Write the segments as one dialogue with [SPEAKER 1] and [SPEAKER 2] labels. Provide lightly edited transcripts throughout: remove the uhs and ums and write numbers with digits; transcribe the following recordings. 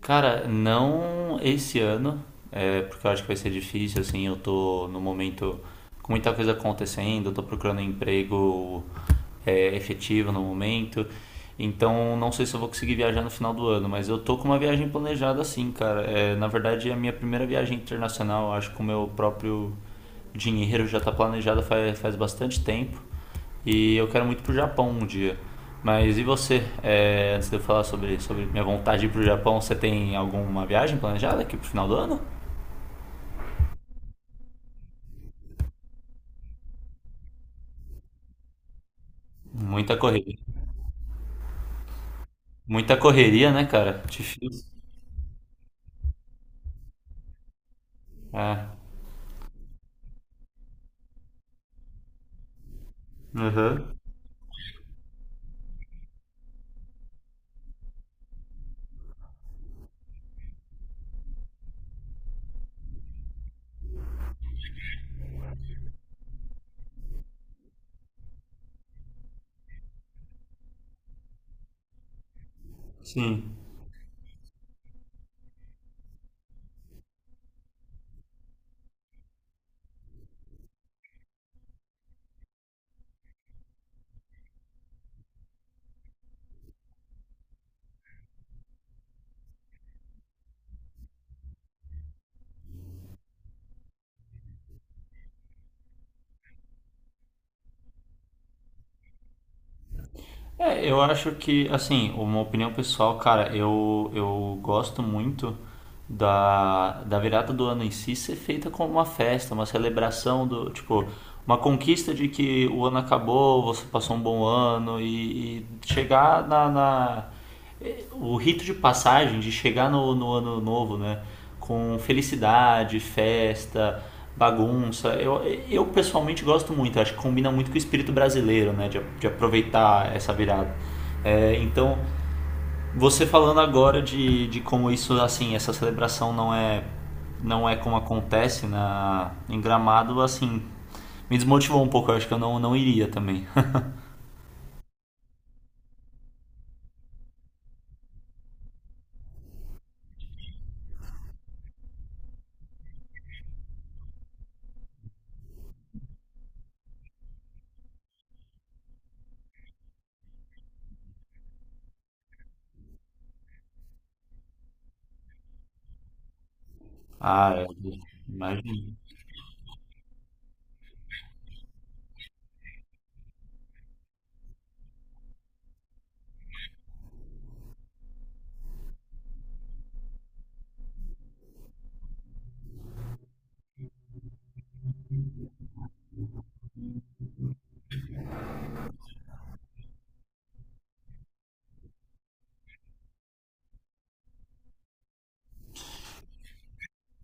[SPEAKER 1] Cara, não esse ano, porque eu acho que vai ser difícil, assim, eu tô no momento com muita coisa acontecendo, eu tô procurando emprego efetivo no momento, então não sei se eu vou conseguir viajar no final do ano, mas eu tô com uma viagem planejada assim, cara. É, na verdade, é a minha primeira viagem internacional, eu acho que o meu próprio dinheiro já tá planejada faz bastante tempo. E eu quero muito pro Japão um dia. Mas e você? É, antes de eu falar sobre minha vontade de ir pro Japão, você tem alguma viagem planejada aqui pro final do ano? Muita correria. Muita correria, né, cara? Difícil. É. Aham. Sim. É, eu acho que, assim, uma opinião pessoal, cara, eu gosto muito da virada do ano em si ser feita como uma festa, uma celebração do, tipo, uma conquista de que o ano acabou, você passou um bom ano e chegar o rito de passagem, de chegar no ano novo, né? Com felicidade, festa, bagunça. Eu pessoalmente gosto muito, acho que combina muito com o espírito brasileiro, né? De aproveitar essa virada. É, então, você falando agora de como isso, assim, essa celebração não é como acontece em Gramado, assim, me desmotivou um pouco. Eu acho que eu não iria também. Ah, imagina.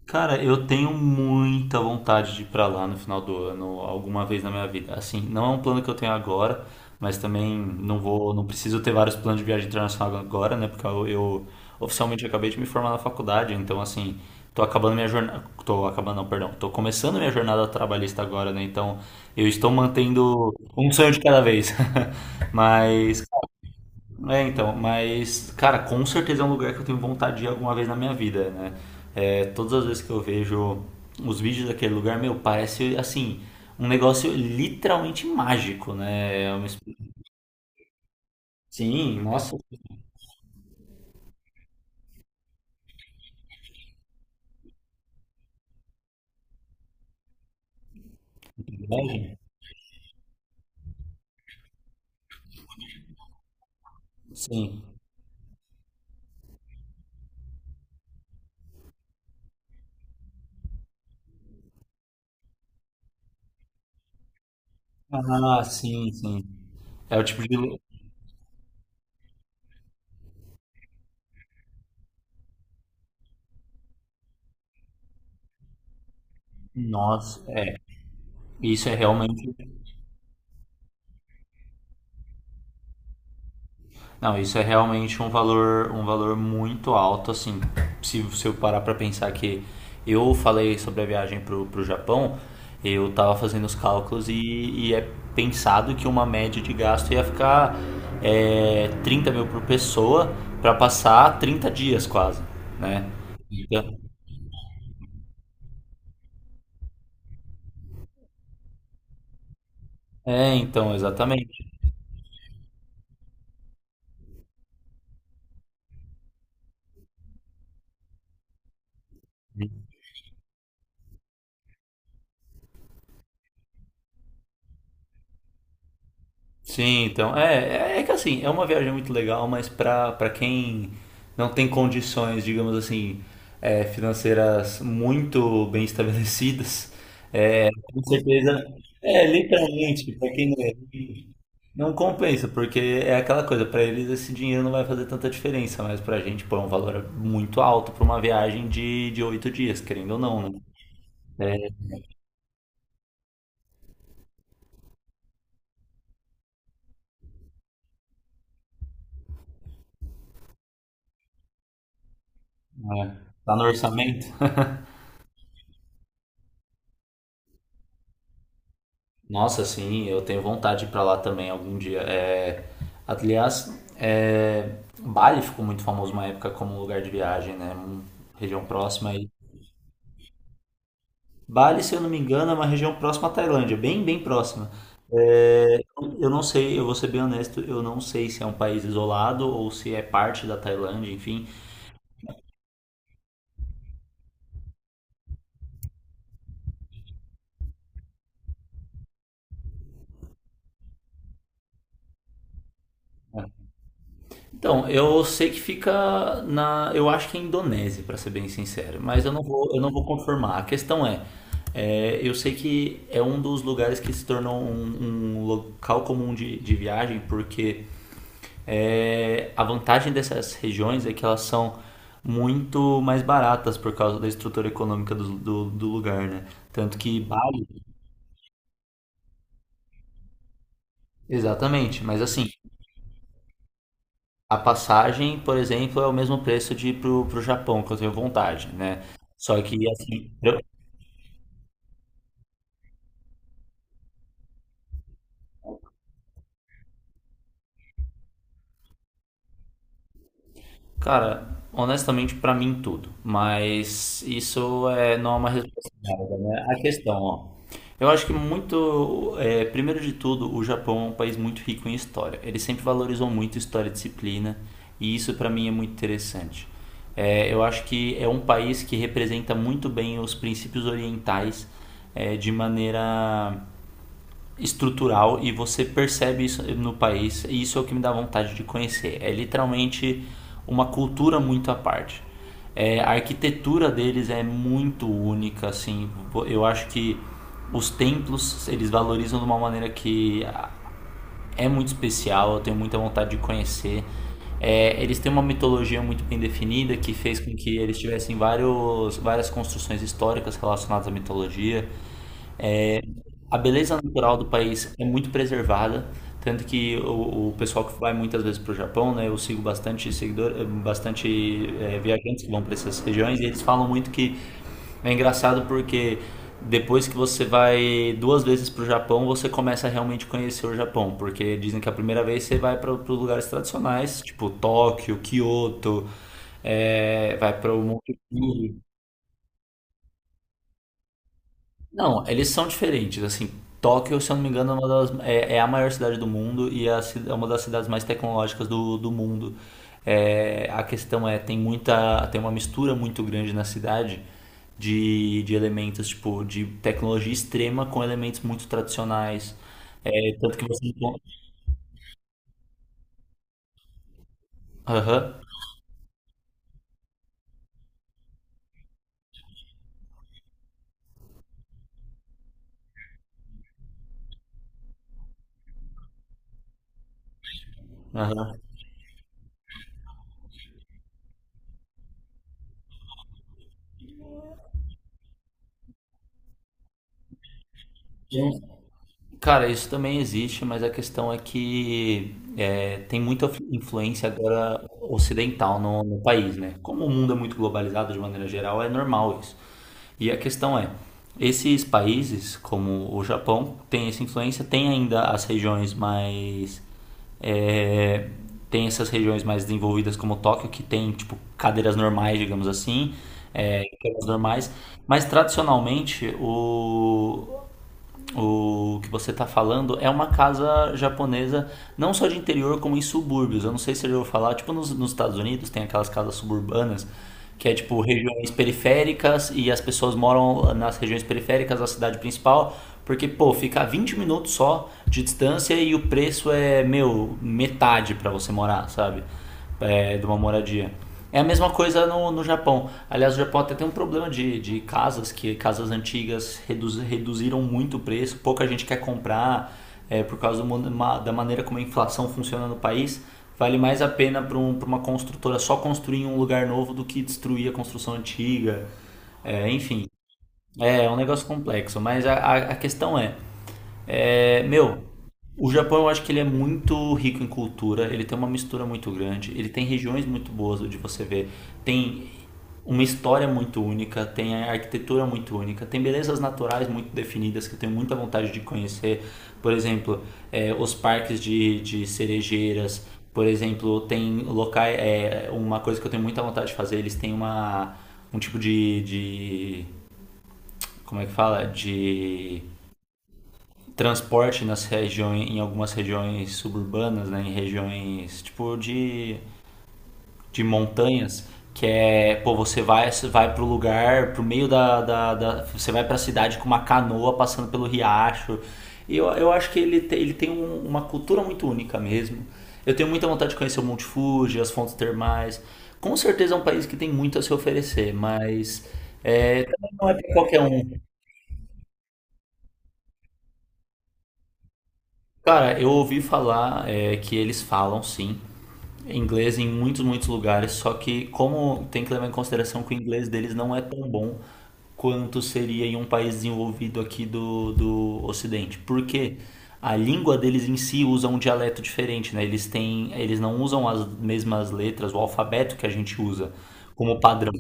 [SPEAKER 1] Cara, eu tenho muita vontade de ir pra lá no final do ano, alguma vez na minha vida. Assim, não é um plano que eu tenho agora, mas também não vou, não preciso ter vários planos de viagem internacional agora, né? Porque eu oficialmente acabei de me formar na faculdade, então assim, tô acabando minha jornada, tô acabando, não, perdão, tô começando minha jornada trabalhista agora, né? Então, eu estou mantendo um sonho de cada vez. Mas, então, mas, cara, com certeza é um lugar que eu tenho vontade de ir alguma vez na minha vida, né? É, todas as vezes que eu vejo os vídeos daquele lugar, meu, parece, assim, um negócio literalmente mágico, né? Sim, nossa, que privilégio. Sim. Ah, sim, sim. É o tipo de. Nossa, é. Isso é realmente. Não, isso é realmente um valor muito alto, assim, se você parar para pensar que eu falei sobre a viagem pro Japão, eu tava fazendo os cálculos e é pensado que uma média de gasto ia ficar 30 mil por pessoa para passar 30 dias quase, né? Então, então, exatamente. Sim, então. É que assim, é uma viagem muito legal, mas pra quem não tem condições, digamos assim, financeiras muito bem estabelecidas, com certeza. É, literalmente, pra quem não é rico, não compensa, porque é aquela coisa, pra eles esse dinheiro não vai fazer tanta diferença, mas pra gente, pô, é um valor muito alto pra uma viagem de 8 dias, querendo ou não, né? É, tá no orçamento? Nossa, sim, eu tenho vontade de ir pra lá também algum dia. É, aliás, Bali ficou muito famoso uma época como um lugar de viagem, né? Região próxima aí. Bali, se eu não me engano, é uma região próxima à Tailândia, bem, bem próxima. É, eu não sei, eu vou ser bem honesto, eu não sei se é um país isolado ou se é parte da Tailândia, enfim. Então, eu sei que fica eu acho que é Indonésia, para ser bem sincero, mas eu não vou confirmar. A questão é, eu sei que é um dos lugares que se tornou um, um local comum de viagem, porque a vantagem dessas regiões é que elas são muito mais baratas por causa da estrutura econômica do lugar, né? Tanto que Bali, exatamente, mas assim, a passagem, por exemplo, é o mesmo preço de ir pro Japão, que eu tenho vontade, né? Só que, assim, cara, honestamente, pra mim tudo. Mas isso não é uma resposta válida, né? A questão, ó. Eu acho que muito, primeiro de tudo, o Japão é um país muito rico em história. Ele sempre valorizou muito história e disciplina, e isso pra mim é muito interessante. É, eu acho que é um país que representa muito bem os princípios orientais, de maneira estrutural e você percebe isso no país e isso é o que me dá vontade de conhecer. É literalmente uma cultura muito à parte. É, a arquitetura deles é muito única, assim. Eu acho que os templos eles valorizam de uma maneira que é muito especial. Eu tenho muita vontade de conhecer. É, eles têm uma mitologia muito bem definida que fez com que eles tivessem várias construções históricas relacionadas à mitologia. A beleza natural do país é muito preservada, tanto que o pessoal que vai muitas vezes para o Japão, né, eu sigo bastante seguidor, bastante viajantes que vão para essas regiões e eles falam muito que é engraçado porque depois que você vai 2 vezes para o Japão, você começa a realmente conhecer o Japão, porque dizem que a primeira vez você vai para os lugares tradicionais, tipo Tóquio, Kyoto, vai para o Monte Fuji. Não, eles são diferentes, assim, Tóquio, se eu não me engano, é a maior cidade do mundo e é é uma das cidades mais tecnológicas do mundo. É, a questão é, tem uma mistura muito grande na cidade de elementos, tipo, de tecnologia extrema com elementos muito tradicionais. É, tanto que você. Aham, aham. Cara, isso também existe, mas a questão é que tem muita influência agora ocidental no país, né? Como o mundo é muito globalizado de maneira geral, é normal isso. E a questão é, esses países, como o Japão, tem essa influência, tem ainda as regiões mais é, tem essas regiões mais desenvolvidas como Tóquio, que tem, tipo, cadeiras normais, digamos assim, cadeiras normais, mas tradicionalmente o que você está falando é uma casa japonesa, não só de interior, como em subúrbios. Eu não sei se eu já ouviu falar, tipo nos Estados Unidos tem aquelas casas suburbanas, que é tipo regiões periféricas e as pessoas moram nas regiões periféricas da cidade principal, porque, pô, fica a 20 minutos só de distância e o preço é, meu, metade para você morar, sabe? É, de uma moradia. É a mesma coisa no Japão. Aliás, o Japão até tem um problema de casas, que casas antigas reduziram muito o preço, pouca gente quer comprar por causa da maneira como a inflação funciona no país. Vale mais a pena pra uma construtora só construir um lugar novo do que destruir a construção antiga. É, enfim, é um negócio complexo. Mas a questão é, meu, o Japão, eu acho que ele é muito rico em cultura, ele tem uma mistura muito grande, ele tem regiões muito boas de você ver, tem uma história muito única, tem a arquitetura muito única, tem belezas naturais muito definidas que eu tenho muita vontade de conhecer. Por exemplo, os parques de cerejeiras, por exemplo, tem locais. É uma coisa que eu tenho muita vontade de fazer, eles têm um tipo de. Como é que fala? De transporte nas regiões, em algumas regiões suburbanas, né, em regiões tipo de montanhas, que pô, você vai pro lugar, pro meio da, da, da Você vai pra cidade com uma canoa passando pelo riacho. E eu acho que ele, ele tem uma cultura muito única mesmo. Eu tenho muita vontade de conhecer o Monte Fuji, as fontes termais. Com certeza é um país que tem muito a se oferecer, mas também não é para qualquer um. Cara, eu ouvi falar que eles falam sim inglês em muitos, muitos lugares, só que como tem que levar em consideração que o inglês deles não é tão bom quanto seria em um país desenvolvido aqui do Ocidente. Porque a língua deles em si usa um dialeto diferente, né? Eles não usam as mesmas letras, o alfabeto que a gente usa como padrão.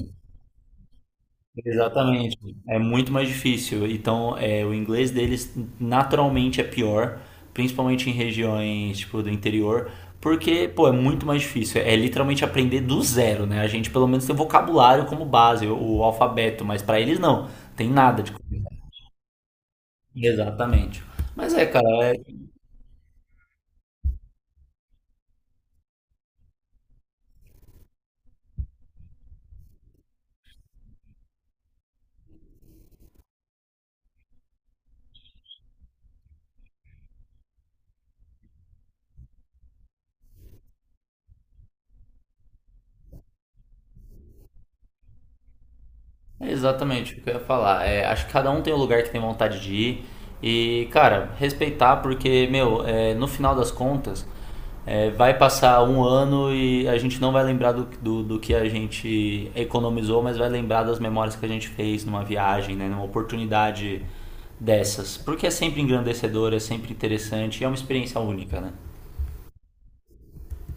[SPEAKER 1] Exatamente. É muito mais difícil. Então, o inglês deles naturalmente é pior, principalmente em regiões, tipo, do interior, porque, pô, é muito mais difícil. É literalmente aprender do zero, né? A gente pelo menos tem vocabulário como base, o alfabeto, mas pra eles não. Tem nada de. Exatamente. Mas cara, é, exatamente o que eu ia falar. É, acho que cada um tem o lugar que tem vontade de ir. E, cara, respeitar, porque, meu, no final das contas, vai passar um ano e a gente não vai lembrar do que a gente economizou, mas vai lembrar das memórias que a gente fez numa viagem, né, numa oportunidade dessas. Porque é sempre engrandecedor, é sempre interessante e é uma experiência única, né?